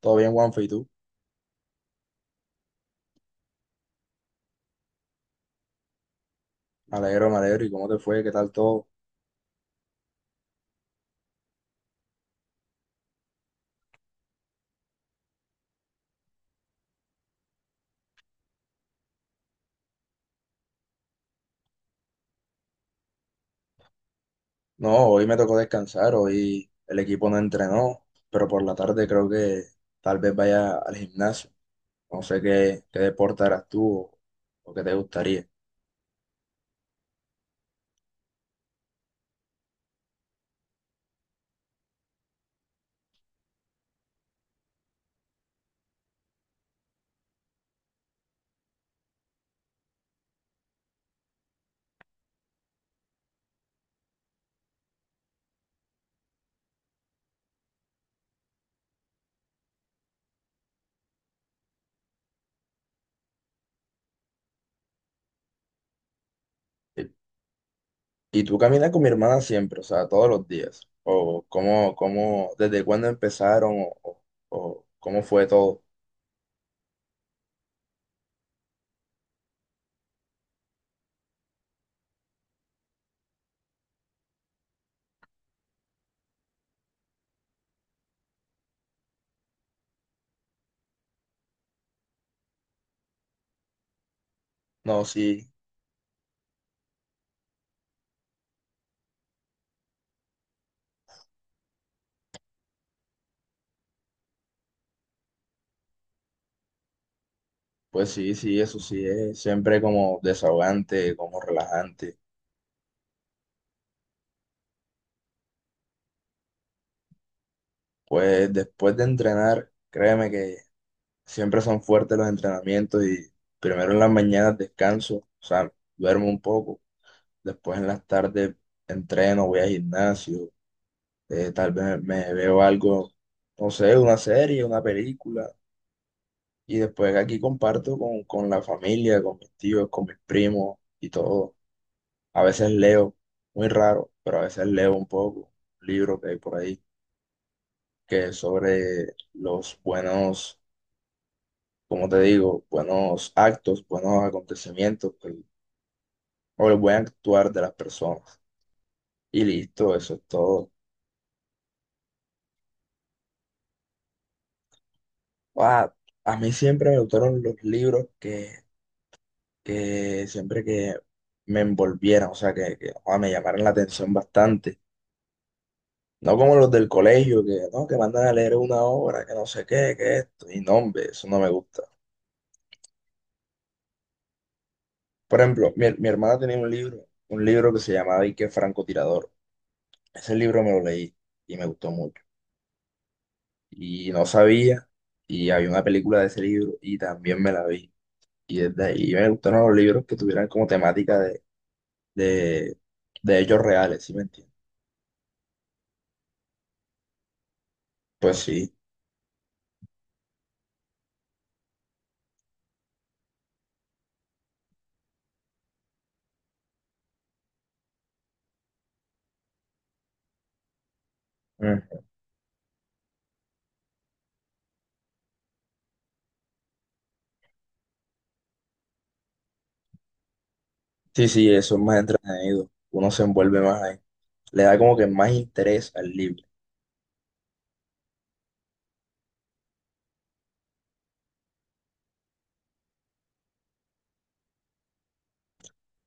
Todo bien, Juanfe, ¿y tú? Me alegro, me alegro. ¿Y cómo te fue? ¿Qué tal todo? No, hoy me tocó descansar, hoy el equipo no entrenó, pero por la tarde creo que tal vez vaya al gimnasio. No sé qué deporte harás tú o qué te gustaría. ¿Y tú caminas con mi hermana siempre, o sea, todos los días? ¿O cómo, cómo, desde cuándo empezaron o cómo fue todo? No, sí, pues sí, sí, eso sí es siempre como desahogante, como relajante. Pues después de entrenar, créeme que siempre son fuertes los entrenamientos y primero en las mañanas descanso, o sea, duermo un poco, después en las tardes entreno, voy al gimnasio, tal vez me veo algo, no sé, una serie, una película, y después aquí comparto con la familia, con mis tíos, con mis primos y todo. A veces leo, muy raro, pero a veces leo un poco, un libro que hay por ahí, que es sobre los buenos, como te digo, buenos actos, buenos acontecimientos pues, o el buen actuar de las personas. Y listo, eso es todo. Ah, a mí siempre me gustaron los libros que siempre que me envolvieran, o sea, que me llamaran la atención bastante. No como los del colegio, que no, que mandan a leer una obra, que no sé qué, que esto. Y no, hombre, eso no me gusta. Por ejemplo, mi hermana tenía un libro que se llamaba Y qué francotirador. Ese libro me lo leí y me gustó mucho. Y no sabía, y había una película de ese libro y también me la vi. Y desde ahí me gustaron los libros que tuvieran como temática de, de hechos reales, ¿sí me entiendes? Pues sí. Mm. Sí, sí, eso es más entretenido, uno se envuelve más ahí, le da como que más interés al libro.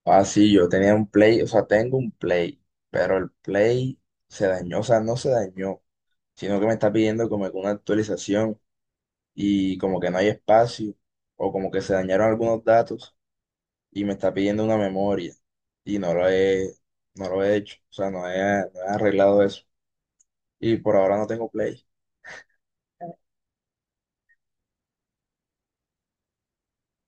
Ah, sí, yo tenía un Play, o sea, tengo un Play, pero el Play se dañó, o sea, no se dañó, sino que me está pidiendo como que una actualización y como que no hay espacio o como que se dañaron algunos datos y me está pidiendo una memoria y no lo he hecho, o sea, no he arreglado eso y por ahora no tengo Play.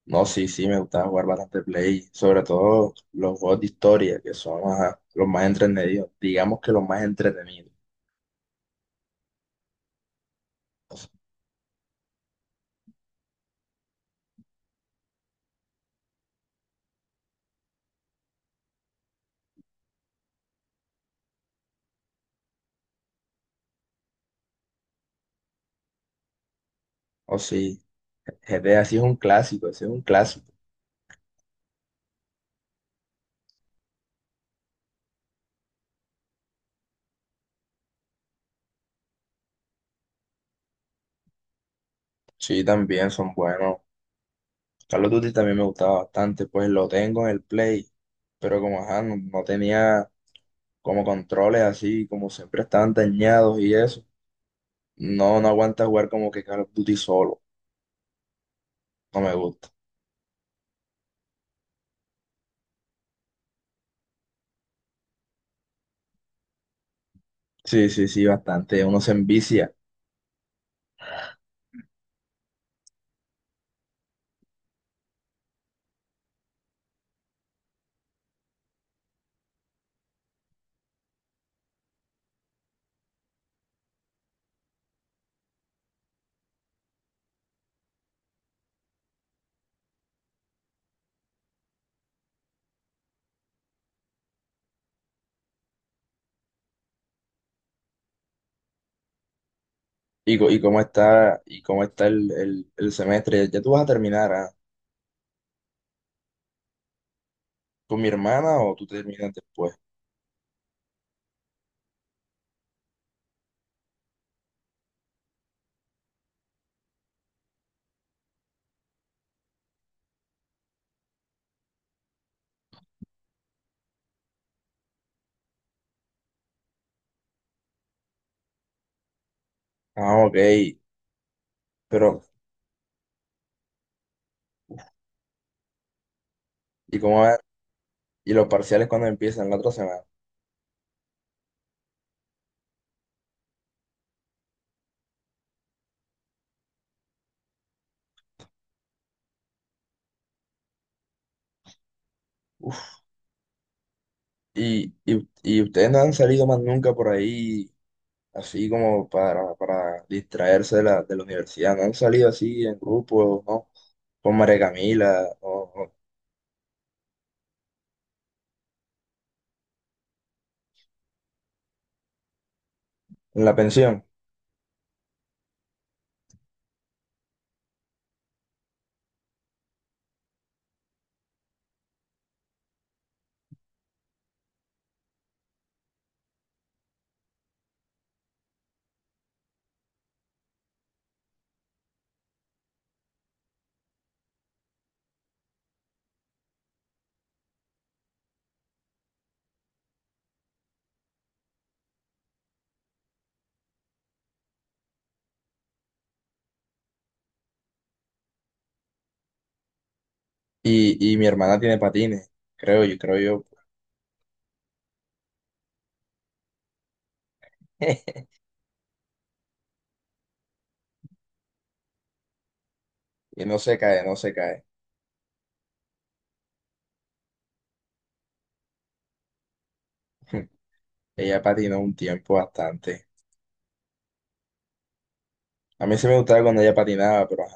No, sí, sí, me gusta jugar bastante Play, sobre todo los juegos de historia que son ajá, los más entretenidos, digamos que los más entretenidos. O sí, GTA sí es un clásico, ese es un clásico. Sí, también son buenos. Carlos of Duty también me gustaba bastante, pues lo tengo en el Play, pero como ajá, no tenía como controles así, como siempre estaban dañados y eso. No, no aguanta jugar como que Call of Duty solo. No me gusta. Sí, sí, sí, bastante. Uno se envicia. ¿Y co- y cómo está el, el semestre? ¿Ya tú vas a terminar, ah? ¿Con mi hermana o tú terminas después? Ah, ok. Pero, ¿y cómo va? ¿Y los parciales cuando empiezan la otra semana? Uf. Y ustedes no han salido más nunca por ahí, así como para distraerse de la universidad? ¿No han salido así en grupo, no? ¿Con María Camila o en la pensión? Y mi hermana tiene patines, creo yo, creo yo. Y no se cae, no se cae. Ella patinó un tiempo bastante. A mí sí me gustaba cuando ella patinaba, pero ajá,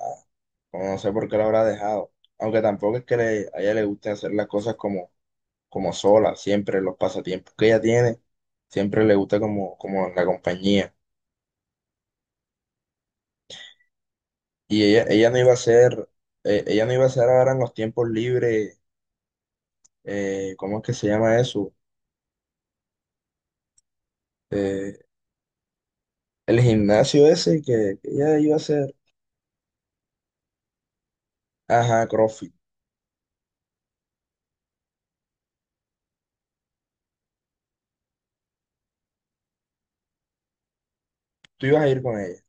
como no sé por qué la habrá dejado. Aunque tampoco es que le- a ella le guste hacer las cosas como, como sola, siempre los pasatiempos que ella tiene, siempre le gusta como, como la compañía. Y ella no iba a hacer, ella no iba a hacer ahora en los tiempos libres, ¿cómo es que se llama eso? Eh, el gimnasio ese que ella iba a hacer. Ajá, CrossFit. Tú ibas a ir con ella.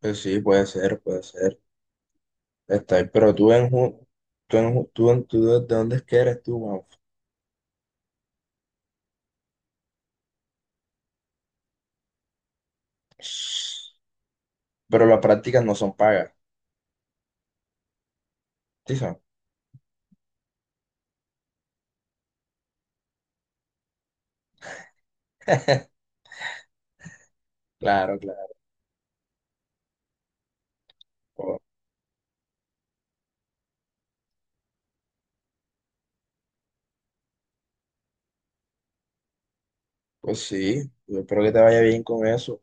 Pues sí, puede ser, puede ser. Está ahí. Pero tú en, Ju- tú en, Ju- tú en, tú de dónde es que eres tú, man? Pero las prácticas no son pagas. Sí, son. Claro, claro. Oh. Pues sí, yo espero que te vaya bien con eso.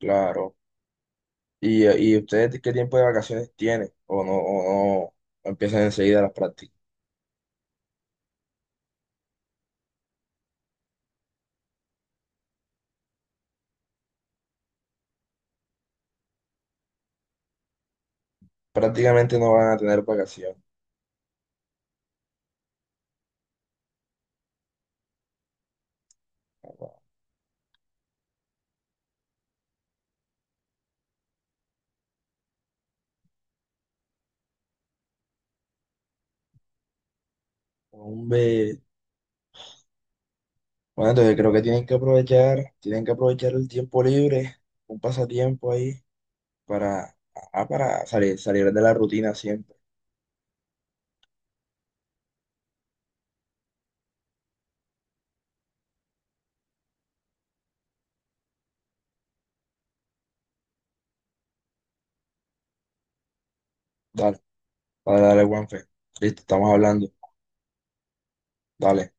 Claro. ¿Y, y ustedes qué tiempo de vacaciones tienen? O no empiezan enseguida las prácticas? Prácticamente no van a tener vacaciones. Hombre. Bueno, entonces creo que tienen que aprovechar el tiempo libre, un pasatiempo ahí para, ah, para salir, salir de la rutina siempre. Dale, dale, dale, Juanfe. Listo, estamos hablando. Dale.